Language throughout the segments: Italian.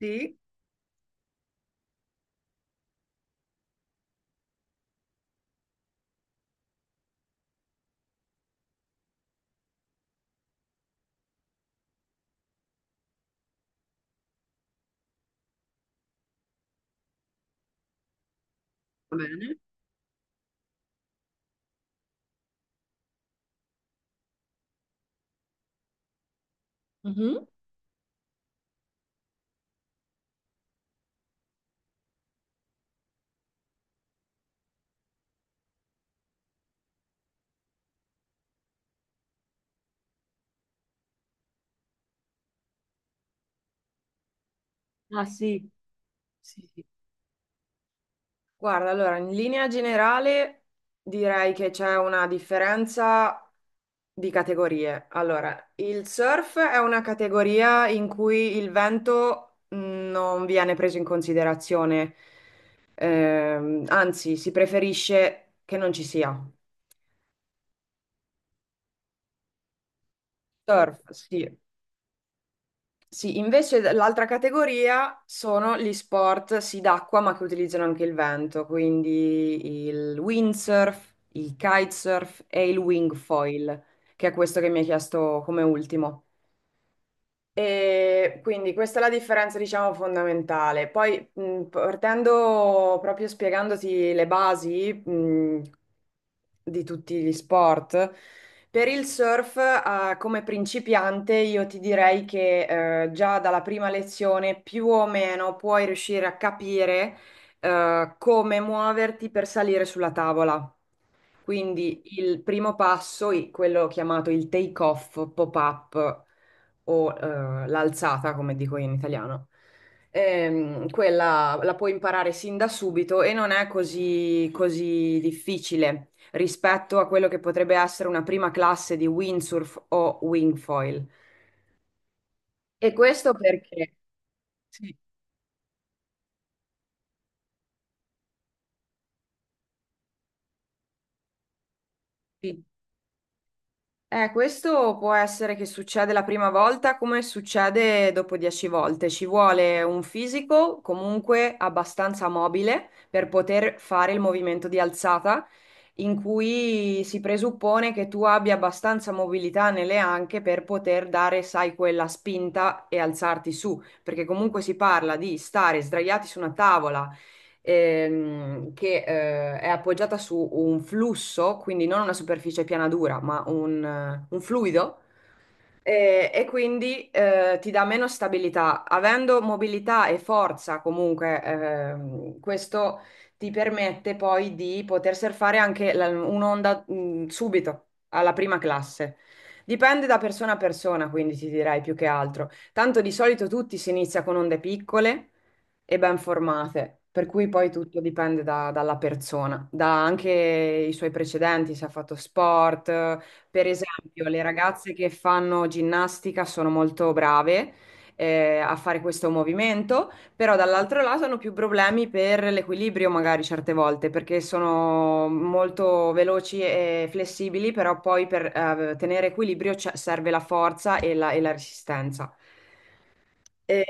Sì. Va bene? Ah, sì. Sì, sì. Guarda, allora, in linea generale direi che c'è una differenza di categorie. Allora, il surf è una categoria in cui il vento non viene preso in considerazione. Anzi, si preferisce che non ci sia. Surf, sì. Sì, invece l'altra categoria sono gli sport, sì, d'acqua, ma che utilizzano anche il vento, quindi il windsurf, il kitesurf e il wingfoil, che è questo che mi hai chiesto come ultimo. E quindi questa è la differenza, diciamo, fondamentale. Poi, partendo proprio spiegandoti le basi, di tutti gli sport, per il surf, come principiante, io ti direi che, già dalla prima lezione più o meno puoi riuscire a capire, come muoverti per salire sulla tavola. Quindi il primo passo, quello chiamato il take off, pop-up o l'alzata, come dico io in italiano, quella la puoi imparare sin da subito e non è così, così difficile rispetto a quello che potrebbe essere una prima classe di windsurf o wingfoil. E questo perché... Sì, sì. Questo può essere che succede la prima volta come succede dopo dieci volte. Ci vuole un fisico comunque abbastanza mobile per poter fare il movimento di alzata, in cui si presuppone che tu abbia abbastanza mobilità nelle anche per poter dare, sai, quella spinta e alzarti su, perché comunque si parla di stare sdraiati su una tavola che è appoggiata su un flusso, quindi non una superficie piana dura, ma un fluido e quindi ti dà meno stabilità. Avendo mobilità e forza, comunque, questo ti permette poi di poter surfare anche un'onda subito alla prima classe. Dipende da persona a persona, quindi ti direi più che altro. Tanto di solito tutti si inizia con onde piccole e ben formate, per cui poi tutto dipende dalla persona, da anche i suoi precedenti, se ha fatto sport per esempio. Le ragazze che fanno ginnastica sono molto brave a fare questo movimento, però dall'altro lato hanno più problemi per l'equilibrio magari certe volte, perché sono molto veloci e flessibili, però poi per tenere equilibrio serve la forza e la resistenza. E-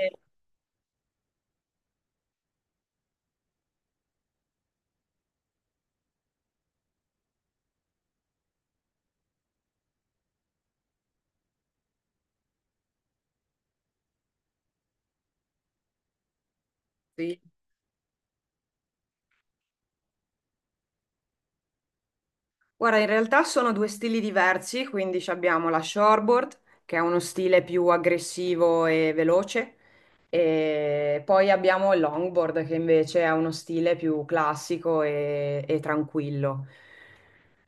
Sì. Guarda, in realtà sono due stili diversi, quindi ci abbiamo la shortboard, che è uno stile più aggressivo e veloce, e poi abbiamo il longboard che invece ha uno stile più classico e tranquillo.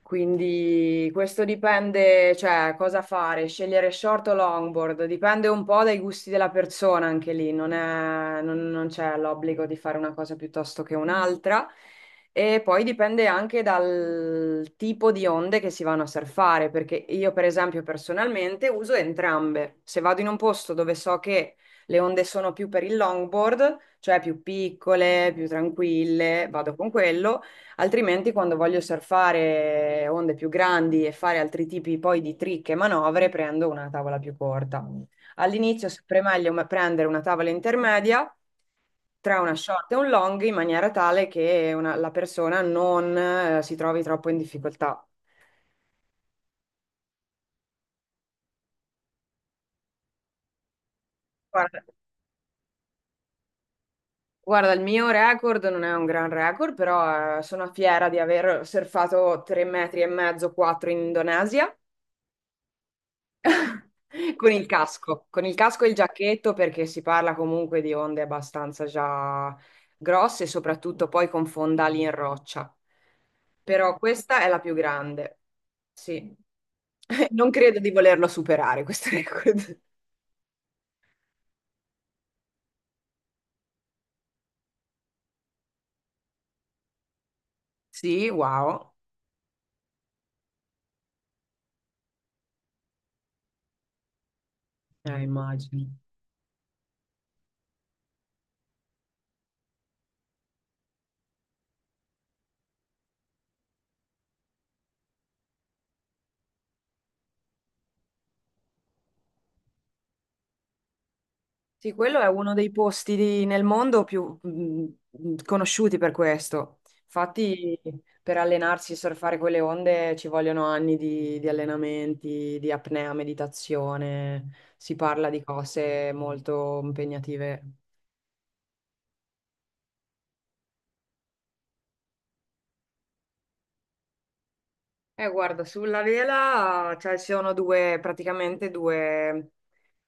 Quindi questo dipende, cioè cosa fare, scegliere short o longboard, dipende un po' dai gusti della persona anche lì, non è- non- non c'è l'obbligo di fare una cosa piuttosto che un'altra. E poi dipende anche dal tipo di onde che si vanno a surfare, perché io per esempio personalmente uso entrambe. Se vado in un posto dove so che le onde sono più per il longboard, cioè più piccole, più tranquille, vado con quello, altrimenti quando voglio surfare onde più grandi e fare altri tipi poi di trick e manovre, prendo una tavola più corta. All'inizio è sempre meglio prendere una tavola intermedia tra una short e un long in maniera tale che la persona non si trovi troppo in difficoltà. Guarda, Guarda, il mio record non è un gran record, però sono fiera di aver surfato 3 metri e mezzo, 4 in Indonesia con il casco e il giacchetto perché si parla comunque di onde abbastanza già grosse, soprattutto poi con fondali in roccia. Però questa è la più grande, sì. Non credo di volerlo superare questo record. Sì, wow. Immagino. Sì, quello è uno dei posti nel mondo più conosciuti per questo. Infatti, per allenarsi e surfare quelle onde ci vogliono anni di allenamenti, di apnea, meditazione. Si parla di cose molto impegnative. Guarda, sulla vela, cioè, ci sono praticamente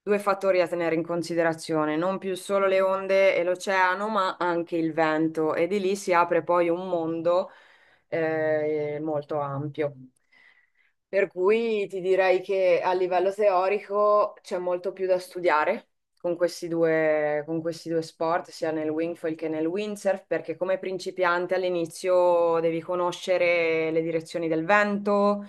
due fattori a tenere in considerazione, non più solo le onde e l'oceano, ma anche il vento, e di lì si apre poi un mondo molto ampio. Per cui ti direi che a livello teorico c'è molto più da studiare con questi due sport, sia nel wingfoil che nel windsurf, perché come principiante all'inizio devi conoscere le direzioni del vento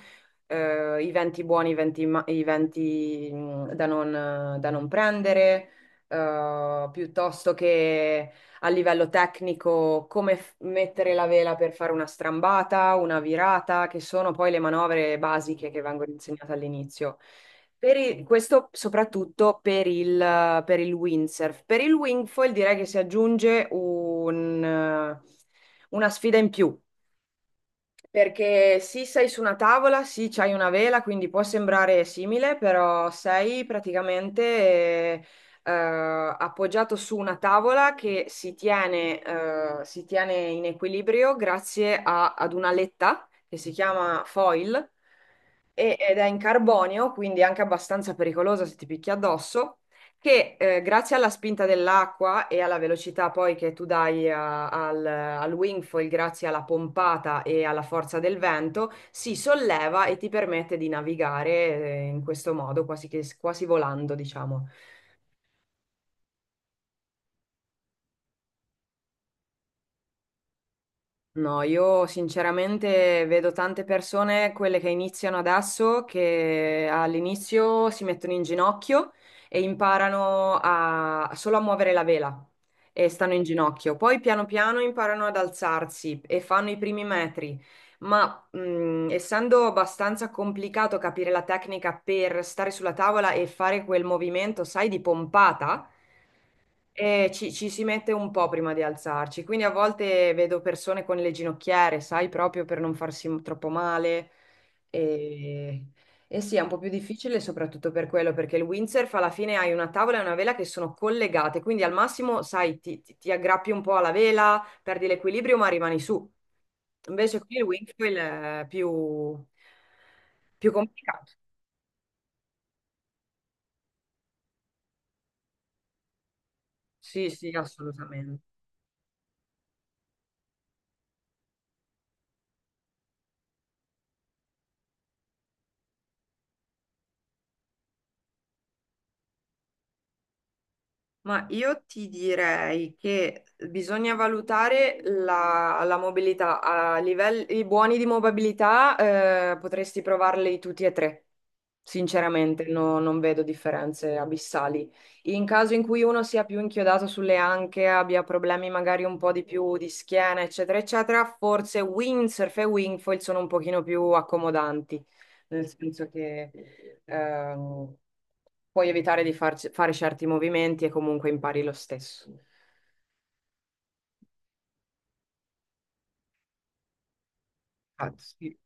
i venti buoni, i venti, da non, da non prendere, piuttosto che a livello tecnico come mettere la vela per fare una strambata, una virata, che sono poi le manovre basiche che vengono insegnate all'inizio. Per questo soprattutto per per il windsurf. Per il wingfoil direi che si aggiunge un, una sfida in più, perché sì, sei su una tavola, sì, c'hai una vela, quindi può sembrare simile, però sei praticamente eh, appoggiato su una tavola che si tiene in equilibrio grazie ad una letta che si chiama foil ed è in carbonio, quindi anche abbastanza pericolosa se ti picchi addosso, che grazie alla spinta dell'acqua e alla velocità poi che tu dai al wingfoil, grazie alla pompata e alla forza del vento, si solleva e ti permette di navigare in questo modo, quasi, quasi volando, diciamo. No, io sinceramente vedo tante persone, quelle che iniziano adesso, che all'inizio si mettono in ginocchio e imparano a, solo a muovere la vela e stanno in ginocchio. Poi piano piano imparano ad alzarsi e fanno i primi metri. Ma essendo abbastanza complicato capire la tecnica per stare sulla tavola e fare quel movimento, sai, di pompata. Ci si mette un po' prima di alzarci, quindi a volte vedo persone con le ginocchiere, sai, proprio per non farsi troppo male. E, e sì, è un po' più difficile soprattutto per quello, perché il windsurf alla fine hai una tavola e una vela che sono collegate, quindi al massimo, sai, ti aggrappi un po' alla vela, perdi l'equilibrio, ma rimani su. Invece qui il windsurf è più, più complicato. Sì, sì, assolutamente. Ma io ti direi che bisogna valutare la mobilità. A livelli buoni di mobilità, potresti provarli tutti e tre. Sinceramente, non vedo differenze abissali. In caso in cui uno sia più inchiodato sulle anche, abbia problemi magari un po' di più di schiena, eccetera, eccetera, forse windsurf e wingfoil sono un pochino più accomodanti nel senso che ehm, puoi evitare di fare certi movimenti e comunque impari lo stesso. Ah, infatti, sì.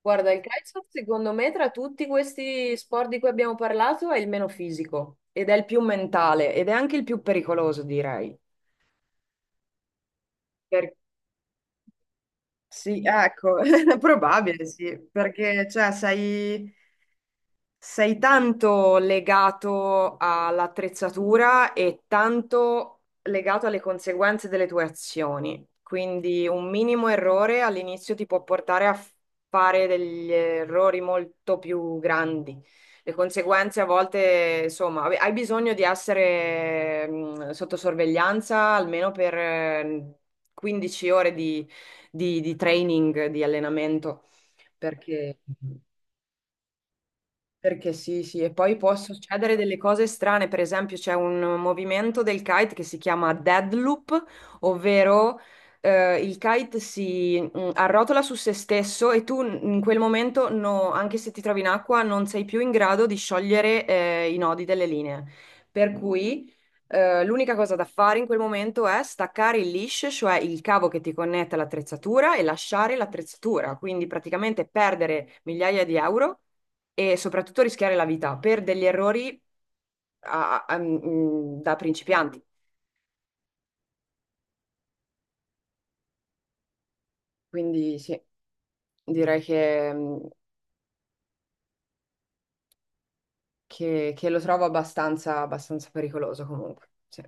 Guarda, il calcio secondo me tra tutti questi sport di cui abbiamo parlato è il meno fisico ed è il più mentale ed è anche il più pericoloso, direi. Per- sì, ecco, è probabile, sì, perché cioè, sei sei tanto legato all'attrezzatura e tanto legato alle conseguenze delle tue azioni. Quindi un minimo errore all'inizio ti può portare a fare degli errori molto più grandi. Le conseguenze a volte, insomma, vabbè, hai bisogno di essere sotto sorveglianza almeno per 15 ore di, di training, di allenamento, perché... Perché sì, sì, e poi può succedere delle cose strane, per esempio c'è un movimento del kite che si chiama deadloop, ovvero il kite si arrotola su se stesso e tu in quel momento, anche se ti trovi in acqua, non sei più in grado di sciogliere i nodi delle linee. Per cui l'unica cosa da fare in quel momento è staccare il leash, cioè il cavo che ti connette all'attrezzatura e lasciare l'attrezzatura, quindi praticamente perdere migliaia di euro e soprattutto rischiare la vita per degli errori da principianti. Quindi sì, direi che, che lo trovo abbastanza, abbastanza pericoloso comunque. Sì.